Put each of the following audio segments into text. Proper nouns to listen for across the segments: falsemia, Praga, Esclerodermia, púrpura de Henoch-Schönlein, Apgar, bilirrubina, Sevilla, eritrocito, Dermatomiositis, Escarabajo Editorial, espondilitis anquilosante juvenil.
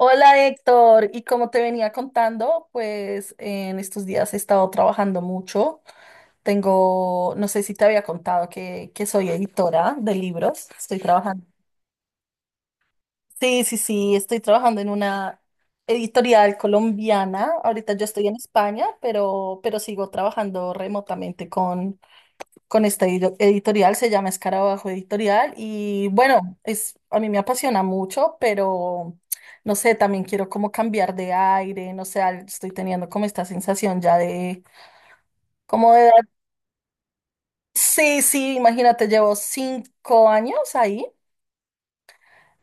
Hola, Héctor, y como te venía contando, pues en estos días he estado trabajando mucho. Tengo, no sé si te había contado que soy editora de libros. Estoy trabajando. Sí, sí, sí, estoy trabajando en una editorial colombiana. Ahorita yo estoy en España, pero sigo trabajando remotamente con esta editorial. Se llama Escarabajo Editorial y bueno, es, a mí me apasiona mucho, pero no sé, también quiero como cambiar de aire, no sé, estoy teniendo como esta sensación ya de, como de edad. Sí, sí, imagínate, llevo cinco años ahí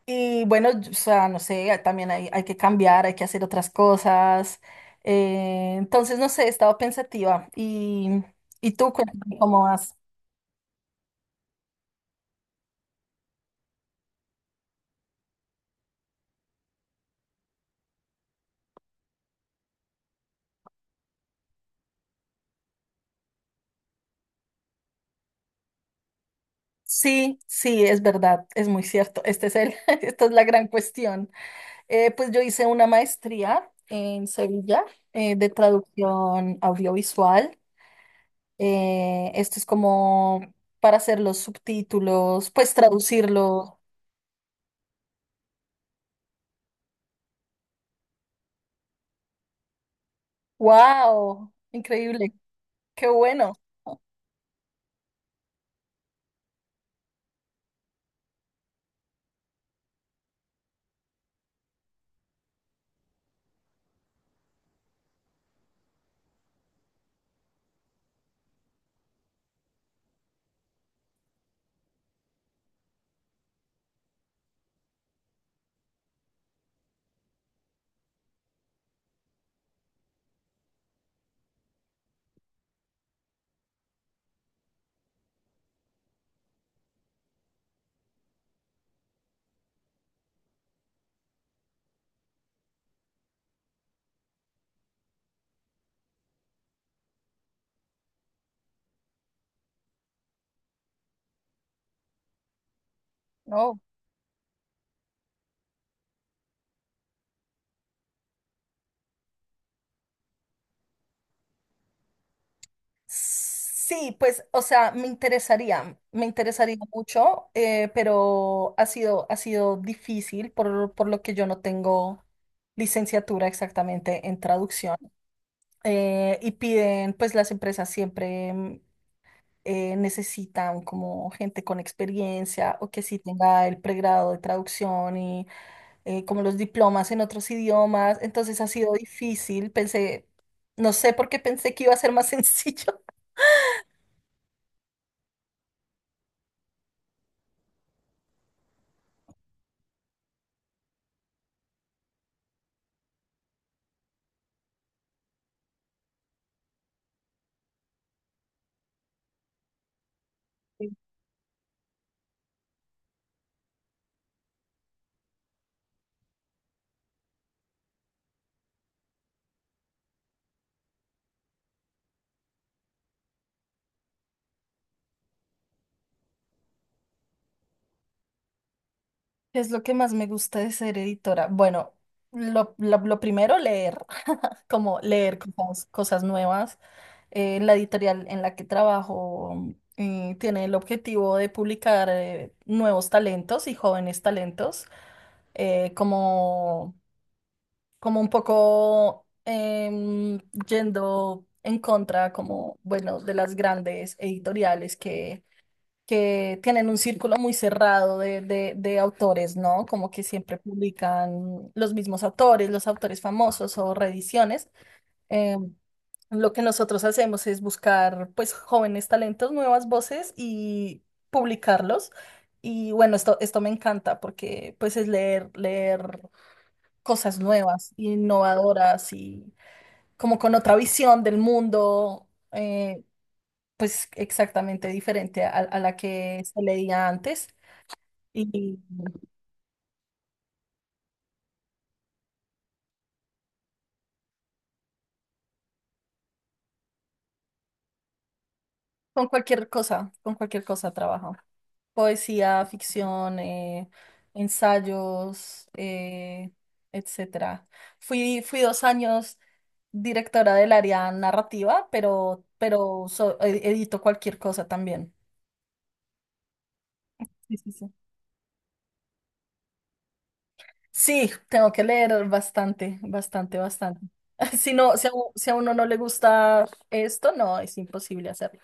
y bueno, o sea, no sé, también hay que cambiar, hay que hacer otras cosas. Entonces, no sé, he estado pensativa y tú cuéntame cómo vas. Sí, sí, es verdad, es muy cierto. Este es el, esta es la gran cuestión. Pues yo hice una maestría en Sevilla, de traducción audiovisual. Esto es como para hacer los subtítulos, pues traducirlo. ¡Wow! Increíble. Qué bueno. No. Sí, pues, o sea, me interesaría mucho, pero ha sido difícil por lo que yo no tengo licenciatura exactamente en traducción. Y piden, pues las empresas siempre necesitan como gente con experiencia o que sí tenga el pregrado de traducción y como los diplomas en otros idiomas. Entonces ha sido difícil, pensé, no sé por qué pensé que iba a ser más sencillo. ¿Qué es lo que más me gusta de ser editora? Bueno, lo primero, leer, como leer cosas, cosas nuevas. La editorial en la que trabajo tiene el objetivo de publicar nuevos talentos y jóvenes talentos, como, como un poco yendo en contra, como, bueno, de las grandes editoriales que tienen un círculo muy cerrado de autores, ¿no? Como que siempre publican los mismos autores, los autores famosos o reediciones. Eh, lo que nosotros hacemos es buscar, pues, jóvenes talentos, nuevas voces y publicarlos. Y bueno, esto me encanta porque, pues, es leer, leer cosas nuevas, innovadoras y como con otra visión del mundo, eh, pues, exactamente diferente a la que se leía antes. Y con cualquier cosa trabajo. Poesía, ficción, ensayos, etcétera. Fui, fui dos años directora del área narrativa, pero edito cualquier cosa también. Sí, sí, sí. Sí, tengo que leer bastante, bastante, bastante. Si no, si a uno no le gusta esto, no, es imposible hacerlo.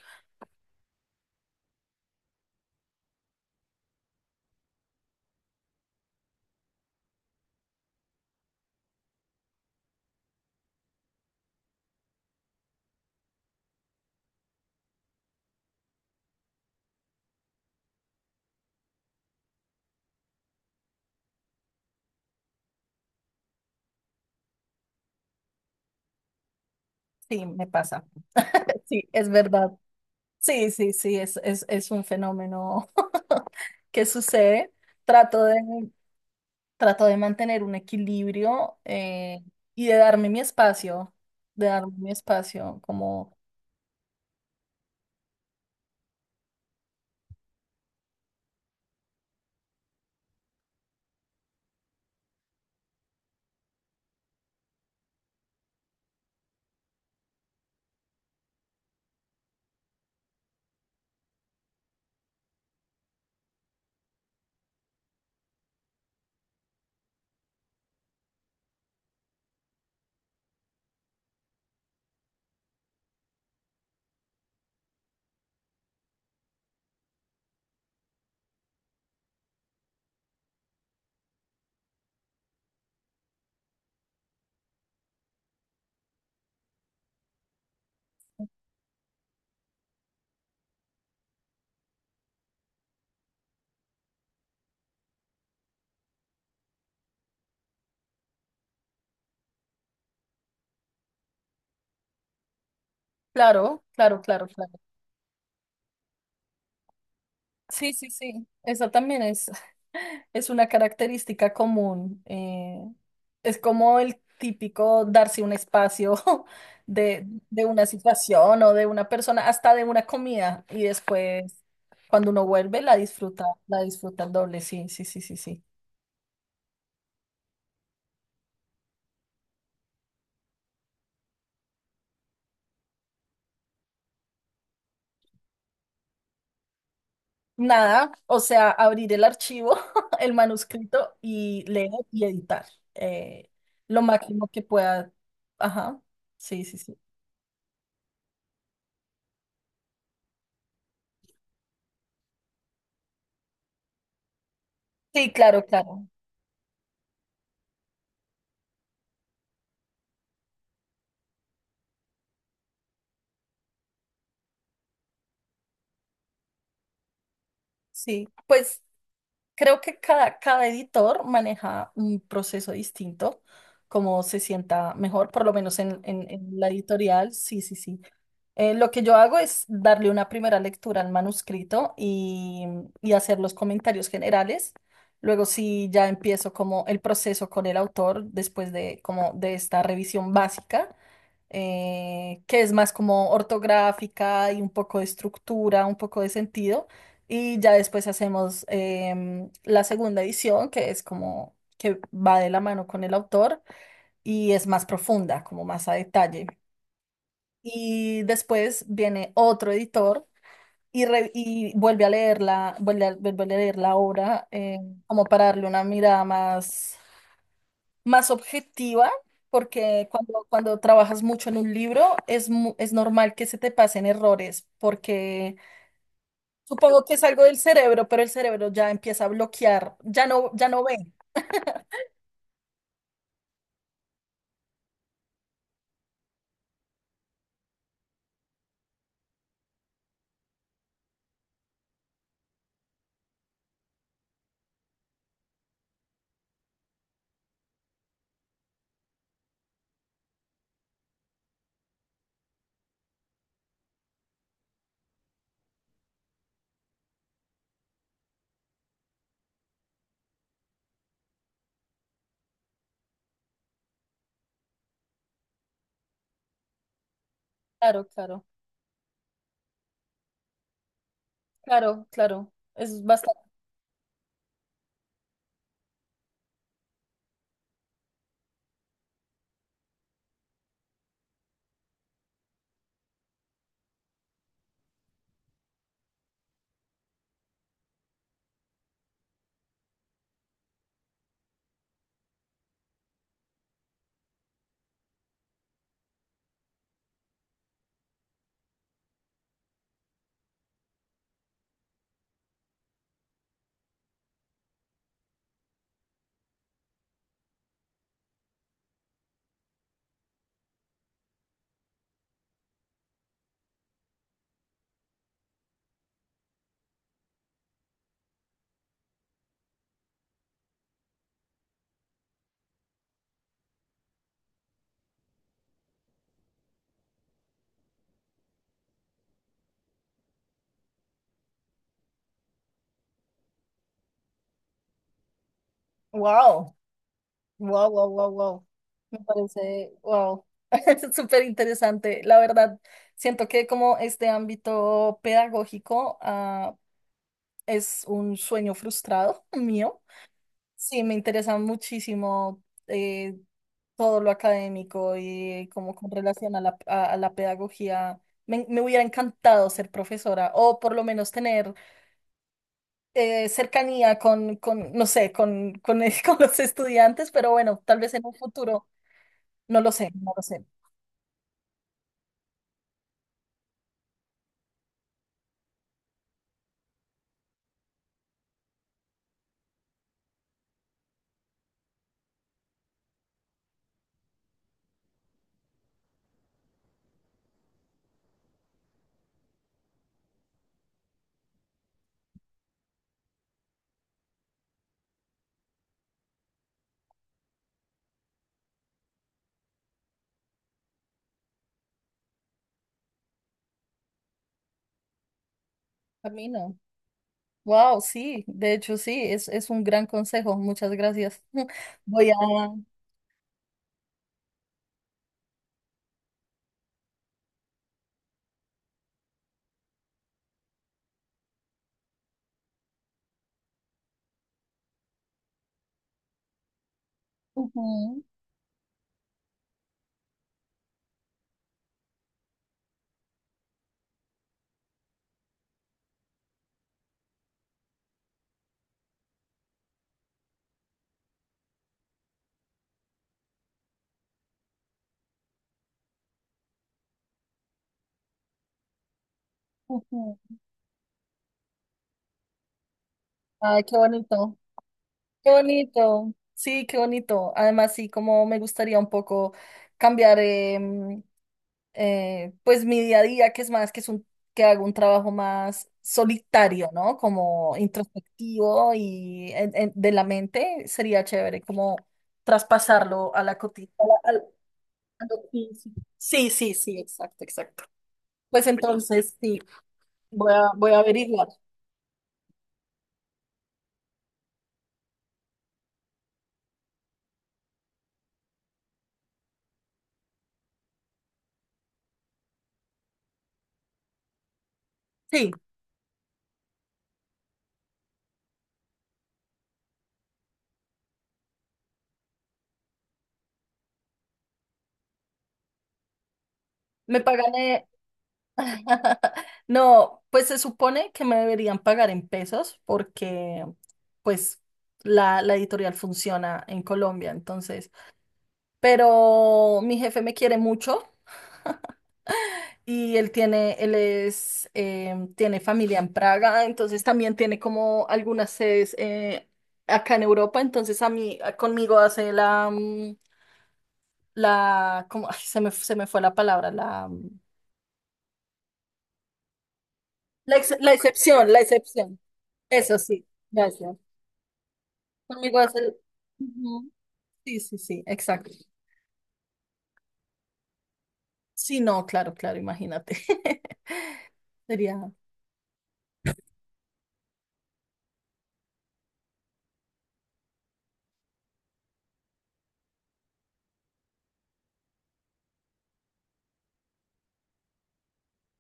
Sí, me pasa. Sí, es verdad. Sí, sí, sí, es un fenómeno que sucede. Trato de, trato de mantener un equilibrio, y de darme mi espacio, de darme mi espacio como, claro, claro, claro, claro. Sí, sí, sí. Esa también es, es una característica común. Es como el típico darse un espacio de una situación o de una persona, hasta de una comida, y después cuando uno vuelve la disfruta el doble. Sí, sí, sí, sí, sí. Nada, o sea, abrir el archivo, el manuscrito y leer y editar, eh, lo máximo que pueda. Ajá, sí, sí, sí. Sí, claro, claro. Sí, pues creo que cada, cada editor maneja un proceso distinto, como se sienta mejor, por lo menos en la editorial. Sí, sí, sí. Lo que yo hago es darle una primera lectura al manuscrito y hacer los comentarios generales. Luego sí ya empiezo como el proceso con el autor después de como de esta revisión básica, que es más como ortográfica y un poco de estructura, un poco de sentido. Y ya después hacemos la segunda edición, que es como que va de la mano con el autor y es más profunda, como más a detalle. Y después viene otro editor y, y vuelve a leerla, vuelve a, vuelve a leer la obra, como para darle una mirada más, más objetiva, porque cuando, cuando trabajas mucho en un libro es, es normal que se te pasen errores, porque supongo que es algo del cerebro, pero el cerebro ya empieza a bloquear, ya no, ya no ve. Claro, claro, claro, claro. Es bastante. Wow, wow, wow, wow, wow. Me parece, wow. Súper interesante. La verdad, siento que como este ámbito pedagógico, ah, es un sueño frustrado mío. Sí, me interesa muchísimo, eh, todo lo académico y como con relación a la, a la pedagogía. Me hubiera encantado ser profesora o por lo menos tener, cercanía con, no sé, con, con los estudiantes, pero bueno, tal vez en un futuro, no lo sé, no lo sé. A mí no. Wow, sí, de hecho sí, es un gran consejo. Muchas gracias. Voy a... Ujú, ujú. Ay, qué bonito, qué bonito. Sí, qué bonito. Además, sí, como me gustaría un poco cambiar, pues mi día a día, que es más, que es un, que hago un trabajo más solitario, ¿no? Como introspectivo y de la mente sería chévere como traspasarlo a la cotidiana. Sí, sí, sí, exacto, exacto. Pues entonces sí, voy a, voy a averiguar. Sí, me pagan. No, pues se supone que me deberían pagar en pesos porque pues la editorial funciona en Colombia, entonces, pero mi jefe me quiere mucho y él tiene, él es, tiene familia en Praga, entonces también tiene como algunas sedes, acá en Europa, entonces a mí, conmigo hace la, la, como, ay, se me fue la palabra, la, la excepción, la excepción. Eso sí, gracias. Conmigo es el... Ujú. Sí, sí, sí, exacto. Sí, no, claro, claro, imagínate. Sería,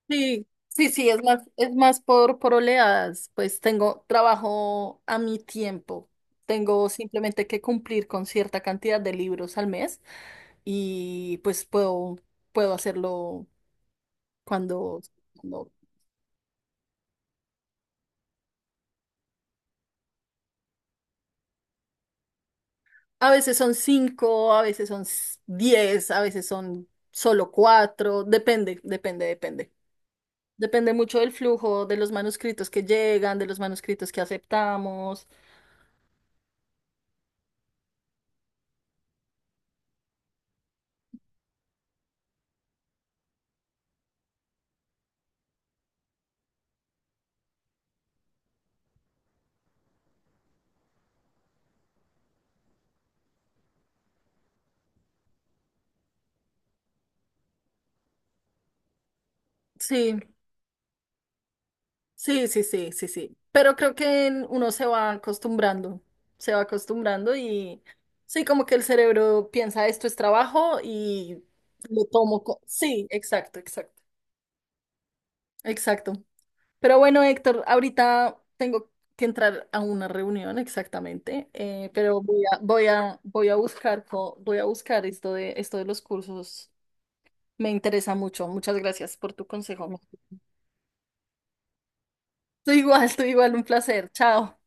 sí, sí, sí, es más por oleadas, pues tengo trabajo a mi tiempo. Tengo simplemente que cumplir con cierta cantidad de libros al mes y pues puedo, puedo hacerlo cuando, cuando a veces son cinco, a veces son diez, a veces son solo cuatro, depende, depende, depende. Depende mucho del flujo, de los manuscritos que llegan, de los manuscritos que aceptamos. Sí, sí, sí, sí, sí, sí. Pero creo que uno se va acostumbrando y sí, como que el cerebro piensa esto es trabajo y lo tomo. Sí, exacto, exacto, exacto. Pero bueno, Héctor, ahorita tengo que entrar a una reunión exactamente, pero voy a, voy a, voy a buscar, voy a buscar esto de los cursos. Me interesa mucho. Muchas gracias por tu consejo. Tú igual, un placer. Chao.